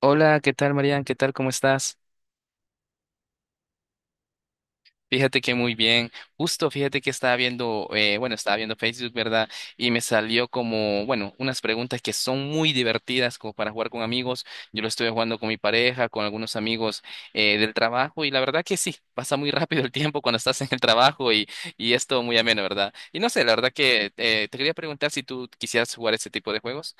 Hola, ¿qué tal, Marian? ¿Qué tal? ¿Cómo estás? Fíjate que muy bien. Justo, fíjate que estaba viendo, bueno, estaba viendo Facebook, ¿verdad? Y me salió como, bueno, unas preguntas que son muy divertidas como para jugar con amigos. Yo lo estuve jugando con mi pareja, con algunos amigos del trabajo y la verdad que sí, pasa muy rápido el tiempo cuando estás en el trabajo y es todo muy ameno, ¿verdad? Y no sé, la verdad que te quería preguntar si tú quisieras jugar ese tipo de juegos.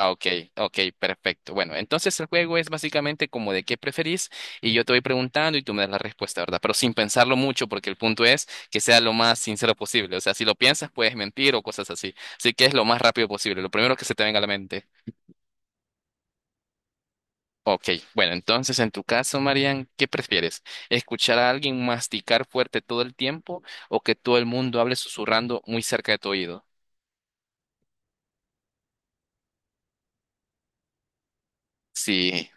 Ah, ok, ok, perfecto. Bueno, entonces el juego es básicamente como de qué preferís y yo te voy preguntando y tú me das la respuesta, ¿verdad? Pero sin pensarlo mucho porque el punto es que sea lo más sincero posible. O sea, si lo piensas puedes mentir o cosas así. Así que es lo más rápido posible, lo primero que se te venga a la mente. Ok, bueno, entonces en tu caso, Marian, ¿qué prefieres? ¿Escuchar a alguien masticar fuerte todo el tiempo o que todo el mundo hable susurrando muy cerca de tu oído? Sí.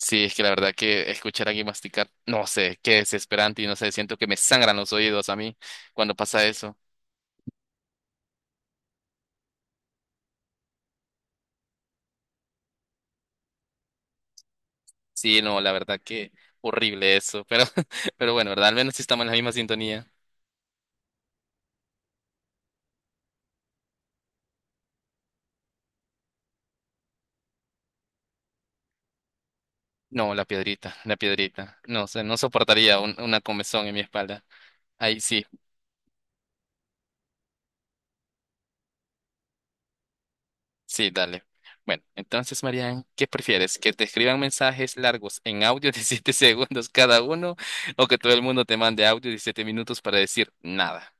Sí, es que la verdad que escuchar aquí masticar, no sé, qué desesperante y no sé, siento que me sangran los oídos a mí cuando pasa eso. Sí, no, la verdad que horrible eso, pero, pero bueno, ¿verdad? Al menos sí estamos en la misma sintonía. No, la piedrita, la piedrita. No sé, no soportaría una comezón en mi espalda. Ahí sí, sí, dale. Bueno, entonces, Marian, ¿qué prefieres? ¿Que te escriban mensajes largos en audio de 7 segundos cada uno o que todo el mundo te mande audio de 7 minutos para decir nada?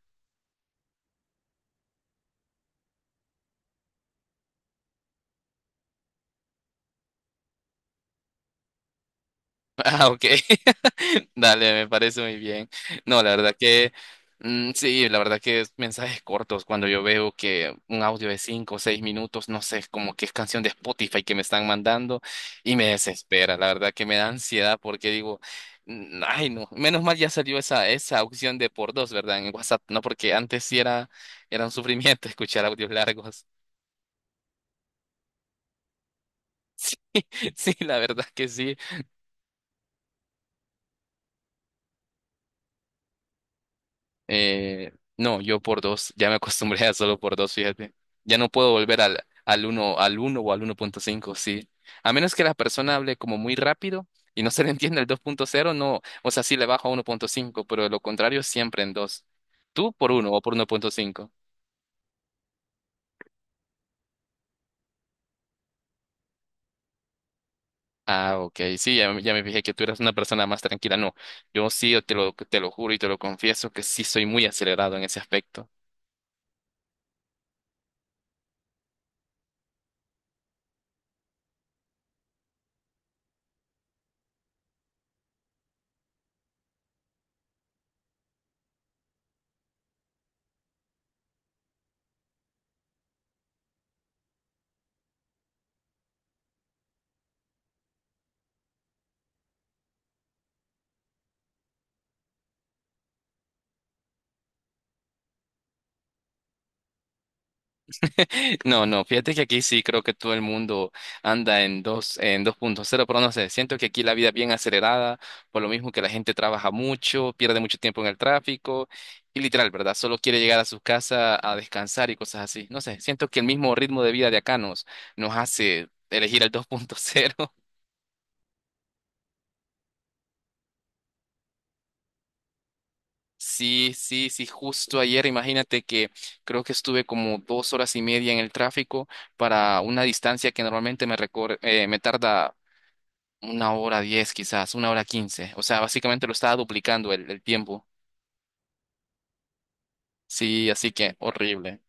Ah, ok. Dale, me parece muy bien. No, la verdad que mm, sí, la verdad que es mensajes cortos. Cuando yo veo que un audio de cinco o seis minutos, no sé, como que es canción de Spotify que me están mandando y me desespera. La verdad que me da ansiedad porque digo, mm, ay, no, menos mal ya salió esa opción de por dos, ¿verdad? En WhatsApp, no, porque antes sí era un sufrimiento escuchar audios largos. Sí, la verdad que sí. Eh, no, yo por dos, ya me acostumbré a solo por dos, fíjate. Ya no puedo volver al uno o al uno punto cinco. Sí. A menos que la persona hable como muy rápido y no se le entienda el dos punto cero, no, o sea, sí le bajo a uno punto cinco, pero de lo contrario siempre en dos. Tú por uno o por uno punto cinco. Ah, ok, sí, ya, ya me fijé que tú eras una persona más tranquila. No, yo sí, te lo juro y te lo confieso que sí soy muy acelerado en ese aspecto. No, no, fíjate que aquí sí creo que todo el mundo anda en dos punto cero, pero no sé, siento que aquí la vida es bien acelerada, por lo mismo que la gente trabaja mucho, pierde mucho tiempo en el tráfico y literal, ¿verdad? Solo quiere llegar a su casa a descansar y cosas así. No sé, siento que el mismo ritmo de vida de acá nos hace elegir el dos punto cero. Sí, sí, sí, justo ayer, imagínate que creo que estuve como dos horas y media en el tráfico para una distancia que normalmente me tarda una hora diez quizás, una hora quince. O sea, básicamente lo estaba duplicando el tiempo. Sí, así que horrible.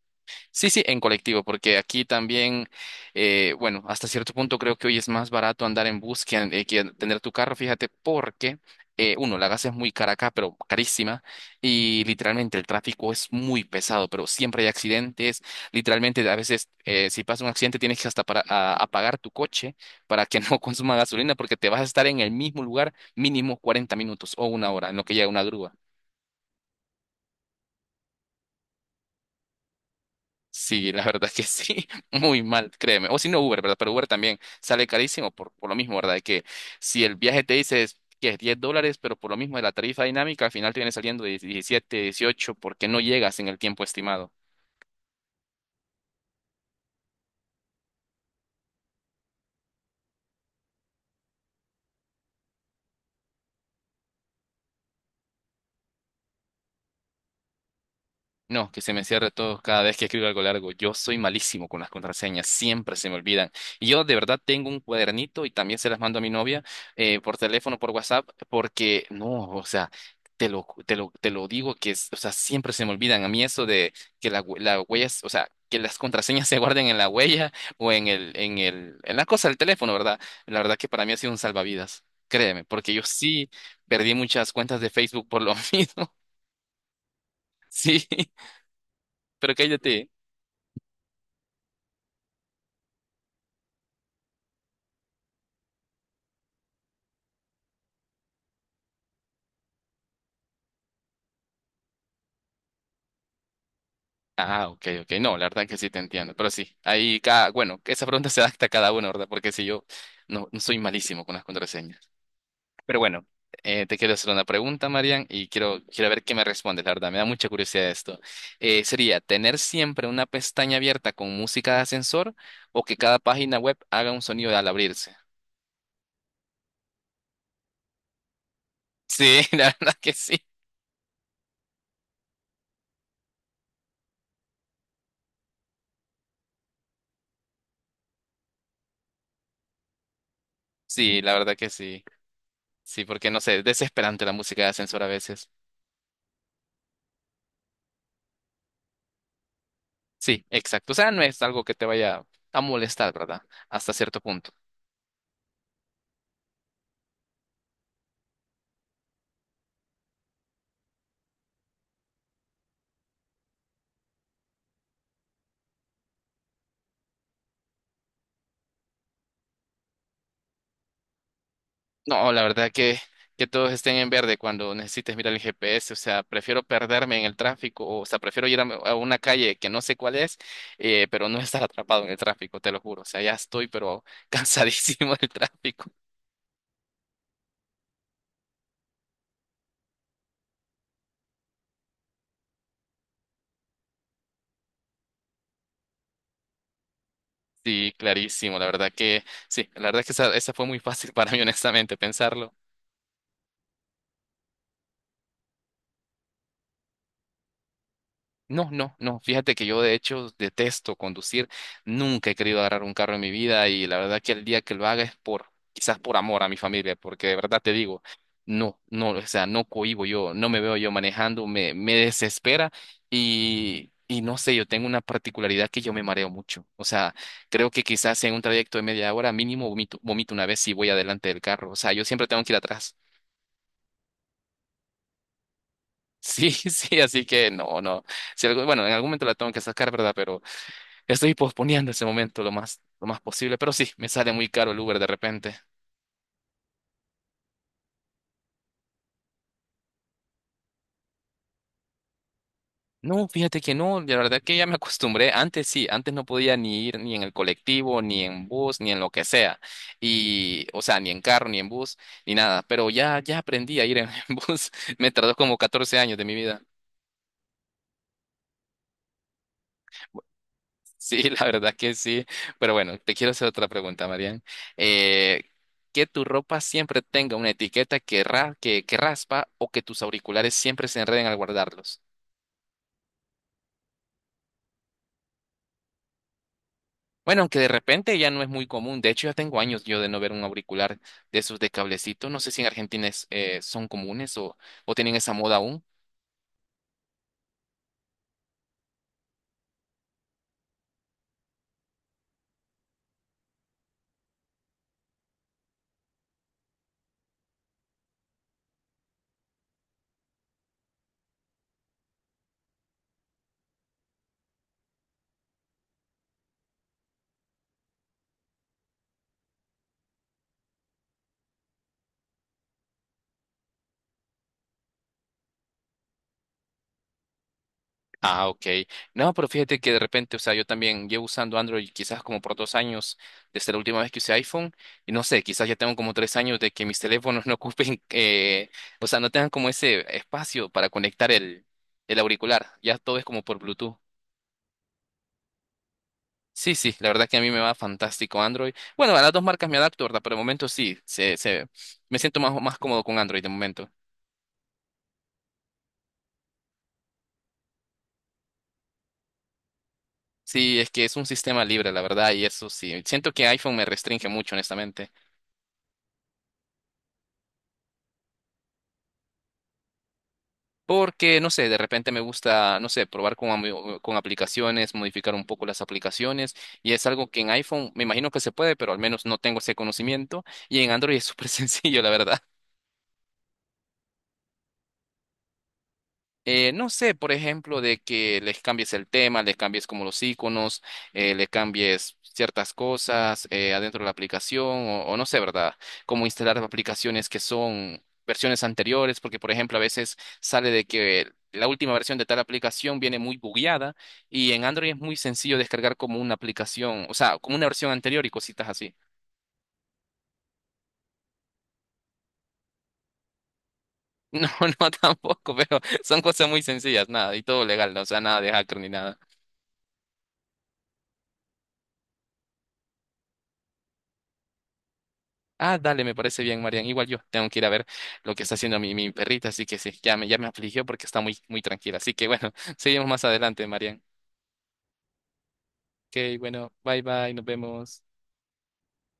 Sí, sí, en colectivo, porque aquí también, bueno, hasta cierto punto creo que hoy es más barato andar en bus que tener tu carro, fíjate, porque, uno, la gas es muy cara acá, pero carísima, y literalmente el tráfico es muy pesado, pero siempre hay accidentes, literalmente a veces si pasa un accidente tienes que hasta apagar tu coche para que no consuma gasolina, porque te vas a estar en el mismo lugar mínimo 40 minutos o una hora en lo que llega una grúa. Sí, la verdad que sí, muy mal, créeme. O si no Uber, ¿verdad? Pero Uber también sale carísimo por lo mismo, ¿verdad? De que si el viaje te dice que es $10, pero por lo mismo de la tarifa dinámica, al final te viene saliendo de 17, 18, porque no llegas en el tiempo estimado. No, que se me cierre todo cada vez que escribo algo largo. Yo soy malísimo con las contraseñas, siempre se me olvidan. Y yo de verdad tengo un cuadernito y también se las mando a mi novia por teléfono, por WhatsApp, porque no, o sea, te lo digo que, o sea, siempre se me olvidan. A mí eso de que la huella, o sea, que las contraseñas se guarden en la huella o en la cosa del teléfono, ¿verdad? La verdad que para mí ha sido un salvavidas, créeme, porque yo sí perdí muchas cuentas de Facebook por lo mismo. Sí, pero cállate. Ah, ok, ok. No, la verdad que sí te entiendo. Pero sí, ahí cada, bueno, que esa pregunta se adapta a cada uno, ¿verdad? Porque si yo no soy malísimo con las contraseñas. Pero bueno, te quiero hacer una pregunta, Marian, y quiero ver qué me respondes, la verdad. Me da mucha curiosidad esto. Sería tener siempre una pestaña abierta con música de ascensor o que cada página web haga un sonido al abrirse. Sí, la verdad que sí. Sí, la verdad que sí. Sí, porque no sé, es desesperante la música de ascensor a veces. Sí, exacto. O sea, no es algo que te vaya a molestar, ¿verdad? Hasta cierto punto. No, la verdad que todos estén en verde cuando necesites mirar el GPS. O sea, prefiero perderme en el tráfico. O sea, prefiero ir a una calle que no sé cuál es, pero no estar atrapado en el tráfico, te lo juro. O sea, ya estoy, pero cansadísimo del tráfico. Sí, clarísimo. La verdad que, sí, la verdad que esa fue muy fácil para mí, honestamente, pensarlo. No, no, no. Fíjate que yo de hecho detesto conducir. Nunca he querido agarrar un carro en mi vida y la verdad que el día que lo haga es por, quizás por amor a mi familia, porque de verdad te digo, no, no, o sea, no cohibo yo, no me veo yo manejando, me desespera y no sé, yo tengo una particularidad que yo me mareo mucho. O sea, creo que quizás en un trayecto de media hora mínimo vomito, vomito una vez si voy adelante del carro. O sea, yo siempre tengo que ir atrás. Sí, sí, así que no, no. Si algo- bueno, en algún momento la tengo que sacar, ¿verdad? Pero estoy posponiendo ese momento lo más posible, pero sí, me sale muy caro el Uber de repente. No, fíjate que no, la verdad que ya me acostumbré. Antes sí, antes no podía ni ir ni en el colectivo, ni en bus, ni en lo que sea. Y, o sea, ni en carro, ni en bus, ni nada. Pero ya, ya aprendí a ir en, en bus. Me tardó como 14 años de mi vida. Sí, la verdad que sí. Pero bueno, te quiero hacer otra pregunta, Marian. Eh, que tu ropa siempre tenga una etiqueta que raspa o que tus auriculares siempre se enreden al guardarlos. Bueno, aunque de repente ya no es muy común. De hecho, ya tengo años yo de no ver un auricular de esos de cablecito. No sé si en Argentina son comunes o tienen esa moda aún. Ah, ok. No, pero fíjate que de repente, o sea, yo también llevo usando Android quizás como por 2 años desde la última vez que usé iPhone y no sé, quizás ya tengo como 3 años de que mis teléfonos no ocupen, o sea, no tengan como ese espacio para conectar el auricular. Ya todo es como por Bluetooth. Sí, sí, la verdad que a mí me va fantástico Android. Bueno, a las dos marcas me adapto, ¿verdad? Pero de momento sí, me siento más cómodo con Android de momento. Sí, es que es un sistema libre, la verdad, y eso sí. Siento que iPhone me restringe mucho, honestamente. Porque, no sé, de repente me gusta, no sé, probar con aplicaciones, modificar un poco las aplicaciones. Y es algo que en iPhone me imagino que se puede, pero al menos no tengo ese conocimiento. Y en Android es súper sencillo, la verdad. No sé, por ejemplo, de que les cambies el tema, les cambies como los iconos, le cambies ciertas cosas adentro de la aplicación, o no sé, ¿verdad? Como instalar aplicaciones que son versiones anteriores, porque, por ejemplo, a veces sale de que la última versión de tal aplicación viene muy bugueada y en Android es muy sencillo descargar como una aplicación, o sea, como una versión anterior y cositas así. No, no tampoco, pero son cosas muy sencillas, nada, y todo legal, ¿no? O sea, nada de hacker ni nada. Ah, dale, me parece bien, Marian. Igual yo tengo que ir a ver lo que está haciendo mi perrita, así que sí, ya me afligió porque está muy, muy tranquila. Así que bueno, seguimos más adelante, Marian. Ok, bueno, bye bye, nos vemos.